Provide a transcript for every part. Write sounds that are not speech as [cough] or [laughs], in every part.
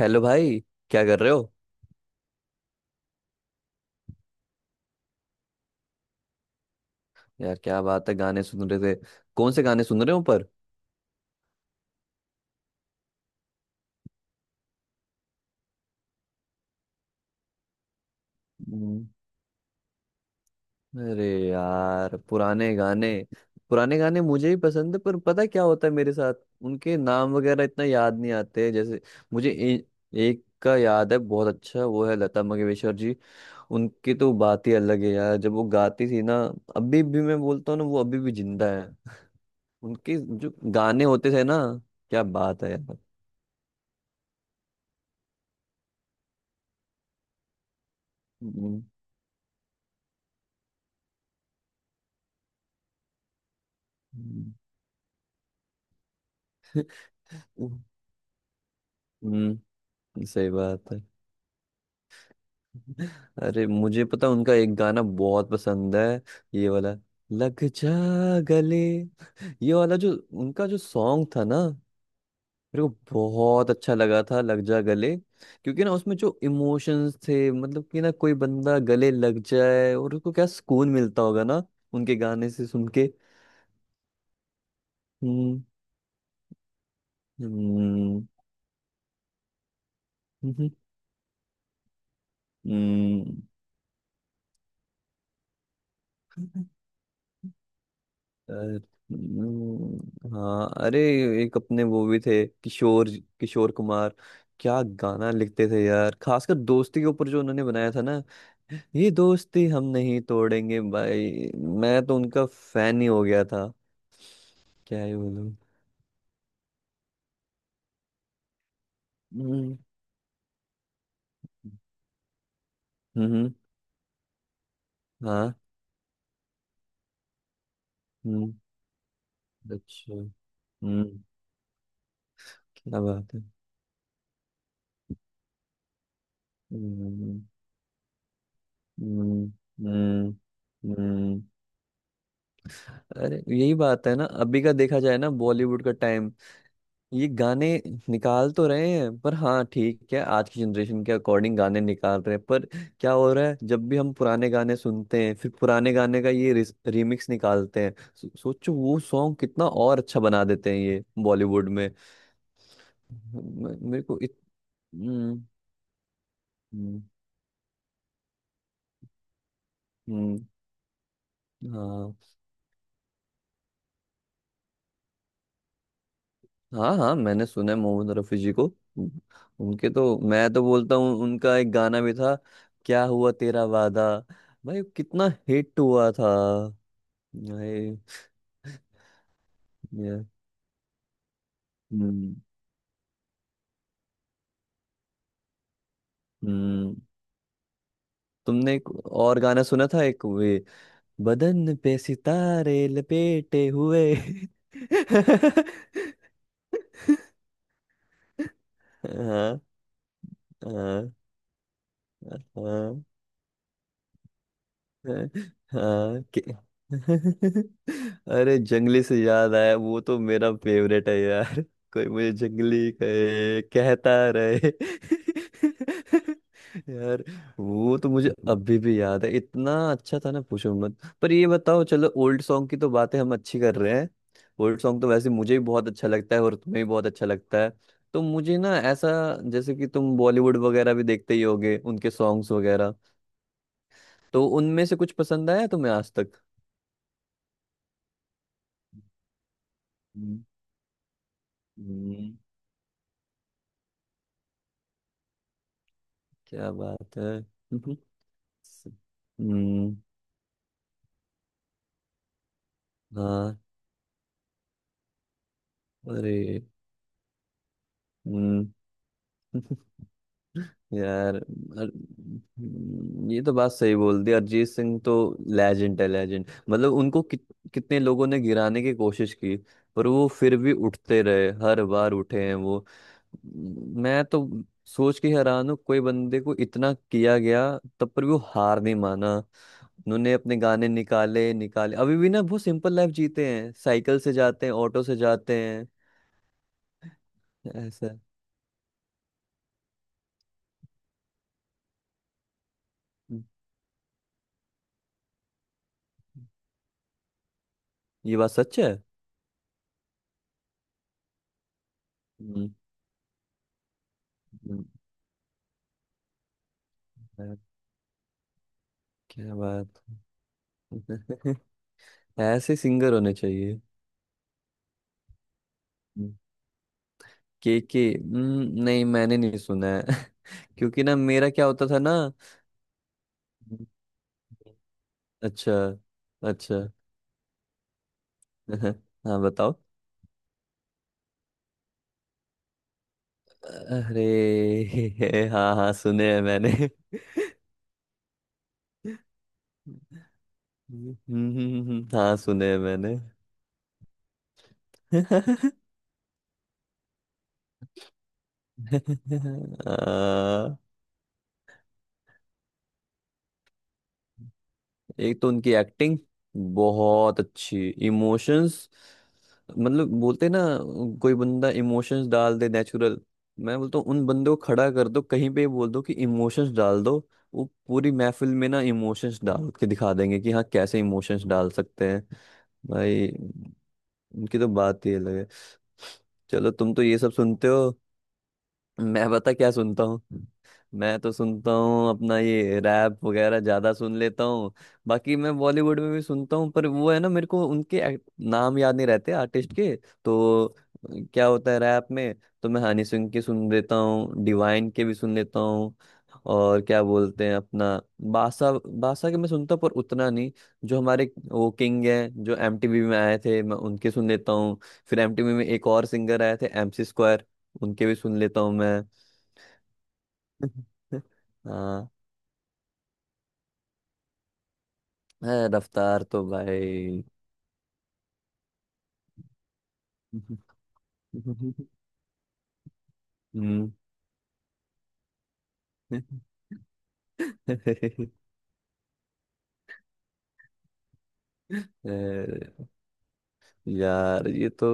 Hello भाई। क्या कर रहे हो? यार क्या बात है, गाने सुन रहे थे। कौन से गाने सुन रहे हो पर? हम्म। अरे यार, पुराने गाने। पुराने गाने मुझे ही पसंद है, पर पता है क्या होता है मेरे साथ? उनके नाम वगैरह इतना याद नहीं आते। जैसे मुझे एक का याद है, बहुत अच्छा। वो है लता मंगेशकर जी। उनकी तो बात ही अलग है यार। जब वो गाती थी ना, अभी भी मैं बोलता हूँ ना, वो अभी भी जिंदा है। [laughs] उनके जो गाने होते थे ना, क्या बात है यार। हम्म। हम्म। हम्म, सही बात है। [laughs] अरे, मुझे पता उनका एक गाना बहुत पसंद है। ये वाला, लग जा गले। ये वाला जो उनका जो सॉन्ग था ना। मेरे को बहुत अच्छा लगा था, लग जा गले, क्योंकि ना उसमें जो इमोशंस थे, मतलब कि ना, कोई बंदा गले लग जाए और उसको क्या सुकून मिलता होगा ना। उनके गाने से सुन के। हम्म। हम्म। हम्म। हम्म। अरे। हाँ। अरे। एक अपने वो भी थे, किशोर किशोर कुमार। क्या गाना लिखते थे यार, खासकर दोस्ती के ऊपर जो उन्होंने बनाया था ना। ये दोस्ती हम नहीं तोड़ेंगे। भाई मैं तो उनका फैन ही हो गया था। क्या ही बोलूं। हम्म। हम्म। हाँ। हम्म। अच्छा। हम्म। क्या बात है। हम्म। हम्म। हम्म। हम्म। अरे यही बात है ना, अभी का देखा जाए ना, बॉलीवुड का टाइम। ये गाने निकाल तो रहे हैं, पर हाँ ठीक है, आज की जनरेशन के अकॉर्डिंग गाने निकाल रहे हैं, पर। क्या हो रहा है, जब भी हम पुराने गाने सुनते हैं, फिर पुराने गाने का ये रिमिक्स निकालते हैं। सोचो वो सॉन्ग कितना और अच्छा बना देते हैं ये बॉलीवुड में। मेरे को हम्म। हम्म। हम्म। हाँ। हाँ हाँ, मैंने सुना है मोहम्मद रफी जी को। उनके तो मैं तो बोलता हूँ, उनका एक गाना भी था, क्या हुआ तेरा वादा। भाई कितना हिट हुआ था। भाई। या। हम्म। हम्म। तुमने एक और गाना सुना था, एक वे, बदन पे सितारे लपेटे हुए। [laughs] हाँ। हाँ। हाँ। हाँ [laughs] अरे, जंगली से याद आया, वो तो मेरा फेवरेट है यार। कोई मुझे जंगली कहे, कहता रहे। [laughs] यार। वो तो मुझे अभी भी याद है, इतना अच्छा था ना, पूछो मत। पर ये बताओ, चलो ओल्ड सॉन्ग की तो बातें हम अच्छी कर रहे हैं। ओल्ड सॉन्ग तो वैसे मुझे भी बहुत अच्छा लगता है और तुम्हें भी बहुत अच्छा लगता है। तो मुझे ना ऐसा, जैसे कि तुम बॉलीवुड वगैरह भी देखते ही होगे, उनके सॉन्ग्स वगैरह। तो उनमें से कुछ पसंद आया तुम्हें आज तक? हम्म। हम्म। क्या बात है। [laughs] हम्म। हाँ। अरे। हम्म। [laughs] यार ये तो बात सही बोल दी। अरिजीत सिंह तो लेजेंड है, लेजेंड। मतलब उनको कितने लोगों ने गिराने की कोशिश की। पर वो फिर भी उठते रहे, हर बार उठे हैं वो। मैं तो सोच के हैरान हूँ, कोई बंदे को इतना किया गया, तब पर भी वो हार नहीं माना। उन्होंने अपने गाने निकाले निकाले। अभी भी ना बहुत सिंपल लाइफ जीते हैं, साइकिल से जाते हैं, ऑटो से जाते हैं। ऐसा। ये बात सच है। हम्म। हम्म। क्या बात है। [laughs] ऐसे सिंगर होने चाहिए। के के। नहीं, मैंने नहीं सुना है। [laughs] क्योंकि ना मेरा क्या होता था ना। हम्म। अच्छा। अच्छा। [laughs] हाँ, बताओ। अरे। [laughs] हाँ हाँ, सुने हैं मैंने। [laughs] हाँ सुने हैं मैंने। [laughs] आ, एक तो उनकी एक्टिंग बहुत अच्छी इमोशंस। मतलब बोलते ना, कोई बंदा इमोशंस डाल दे नेचुरल। मैं बोलता हूँ, उन बंदे को खड़ा कर दो कहीं पे, बोल दो कि इमोशंस डाल दो, वो पूरी महफिल में ना इमोशंस डाल के दिखा देंगे कि हाँ, कैसे इमोशंस डाल सकते हैं। भाई उनकी तो बात ही अलग है। चलो, तुम तो ये सब सुनते हो। मैं बता क्या सुनता हूँ। मैं तो सुनता हूँ अपना ये रैप वगैरह, ज्यादा सुन लेता हूँ। बाकी मैं बॉलीवुड में भी सुनता हूँ, पर वो है ना, मेरे को उनके नाम याद नहीं रहते, आर्टिस्ट के तो। क्या होता है, रैप में तो मैं हनी सिंह के सुन लेता हूँ, डिवाइन के भी सुन लेता हूँ। और क्या बोलते हैं अपना, बादशाह। बादशाह के मैं सुनता हूँ पर उतना नहीं। जो हमारे वो किंग हैं, जो एमटीवी में आए थे, मैं उनके सुन लेता हूँ। फिर एमटीवी में एक और सिंगर आए थे, एमसी स्क्वायर, उनके भी सुन लेता हूँ मैं। [laughs] हाँ। है, रफ्तार तो भाई। [laughs] हम्म। [laughs] अ, यार ये तो।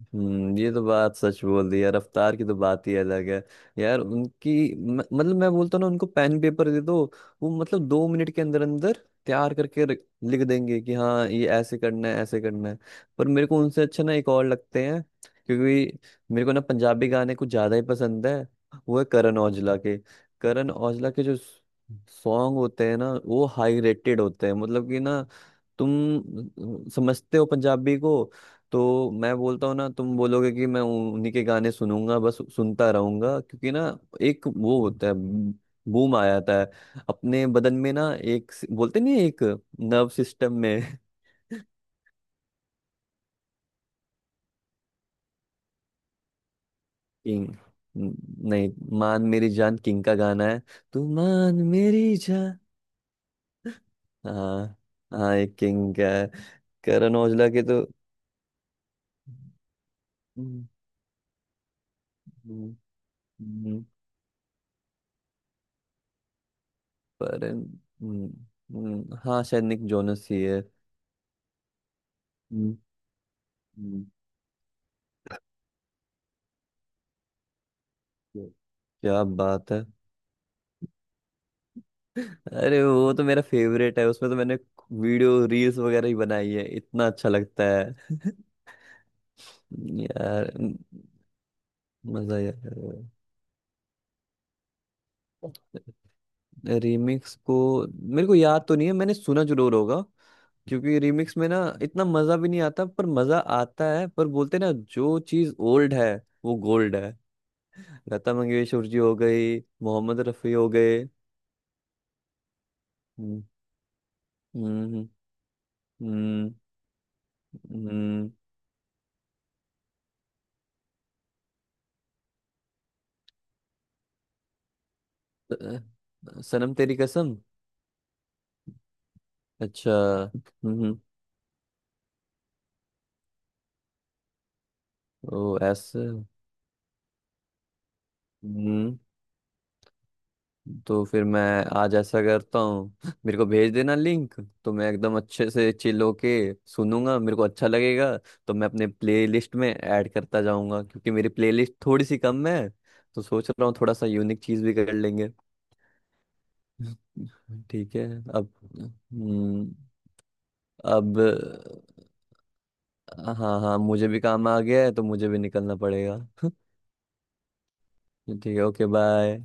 ये तो बात सच बोल दी यार, रफ्तार की तो बात ही अलग है। यार उनकी मतलब, मैं बोलता हूं ना, उनको पेन पेपर दे दो। वो मतलब, 2 मिनट के अंदर अंदर तैयार करके लिख देंगे कि हाँ, ये ऐसे करना है, ऐसे करना है। पर मेरे को उनसे अच्छा ना एक और लगते हैं, क्योंकि मेरे को ना पंजाबी गाने कुछ ज्यादा ही पसंद है। वो है करण औजला के। करण औजला के जो सॉन्ग होते हैं ना, वो हाई रेटेड होते हैं। मतलब कि ना, तुम समझते हो पंजाबी को। तो मैं बोलता हूँ ना, तुम बोलोगे कि मैं उन्हीं के गाने सुनूंगा, बस सुनता रहूंगा, क्योंकि ना एक वो होता है, बूम आ जाता है अपने बदन में ना, एक बोलते नहीं, एक नर्व सिस्टम में। [laughs] किंग। नहीं, मान मेरी जान किंग का गाना है, तू मान मेरी जान। हाँ। हाँ, एक किंग का है, करण औजला के तो। हम्म। हम्म, पर। हम्म। हाँ शायद निक जोनस ही है। हम्म। हम्म। क्या। क्या बात है। अरे वो तो मेरा फेवरेट है, उसमें तो मैंने वीडियो रील्स वगैरह ही बनाई है, इतना अच्छा लगता है। [laughs] यार मजा। यार रीमिक्स को मेरे को याद तो नहीं है, मैंने सुना जरूर होगा, क्योंकि रीमिक्स में ना इतना मजा भी नहीं आता, पर मजा आता है। पर बोलते ना, जो चीज ओल्ड है वो गोल्ड है। लता मंगेशकर जी हो गई, मोहम्मद रफी हो गए। हम्म। हम्म। हम्म। हम्म। सनम तेरी कसम। अच्छा। हम्म। ओ ऐसे। हम्म। तो फिर मैं आज ऐसा करता हूँ, मेरे को भेज देना लिंक, तो मैं एकदम अच्छे से चिल होके सुनूंगा, मेरे को अच्छा लगेगा। तो मैं अपने प्लेलिस्ट में ऐड करता जाऊंगा, क्योंकि मेरी प्लेलिस्ट थोड़ी सी कम है, तो सोच रहा हूँ, थोड़ा सा यूनिक चीज भी कर लेंगे। ठीक है। अब। हम्म। अब। हाँ हाँ हाँ, मुझे भी काम आ गया है, तो मुझे भी निकलना पड़ेगा। [laughs] ठीक है, ओके बाय।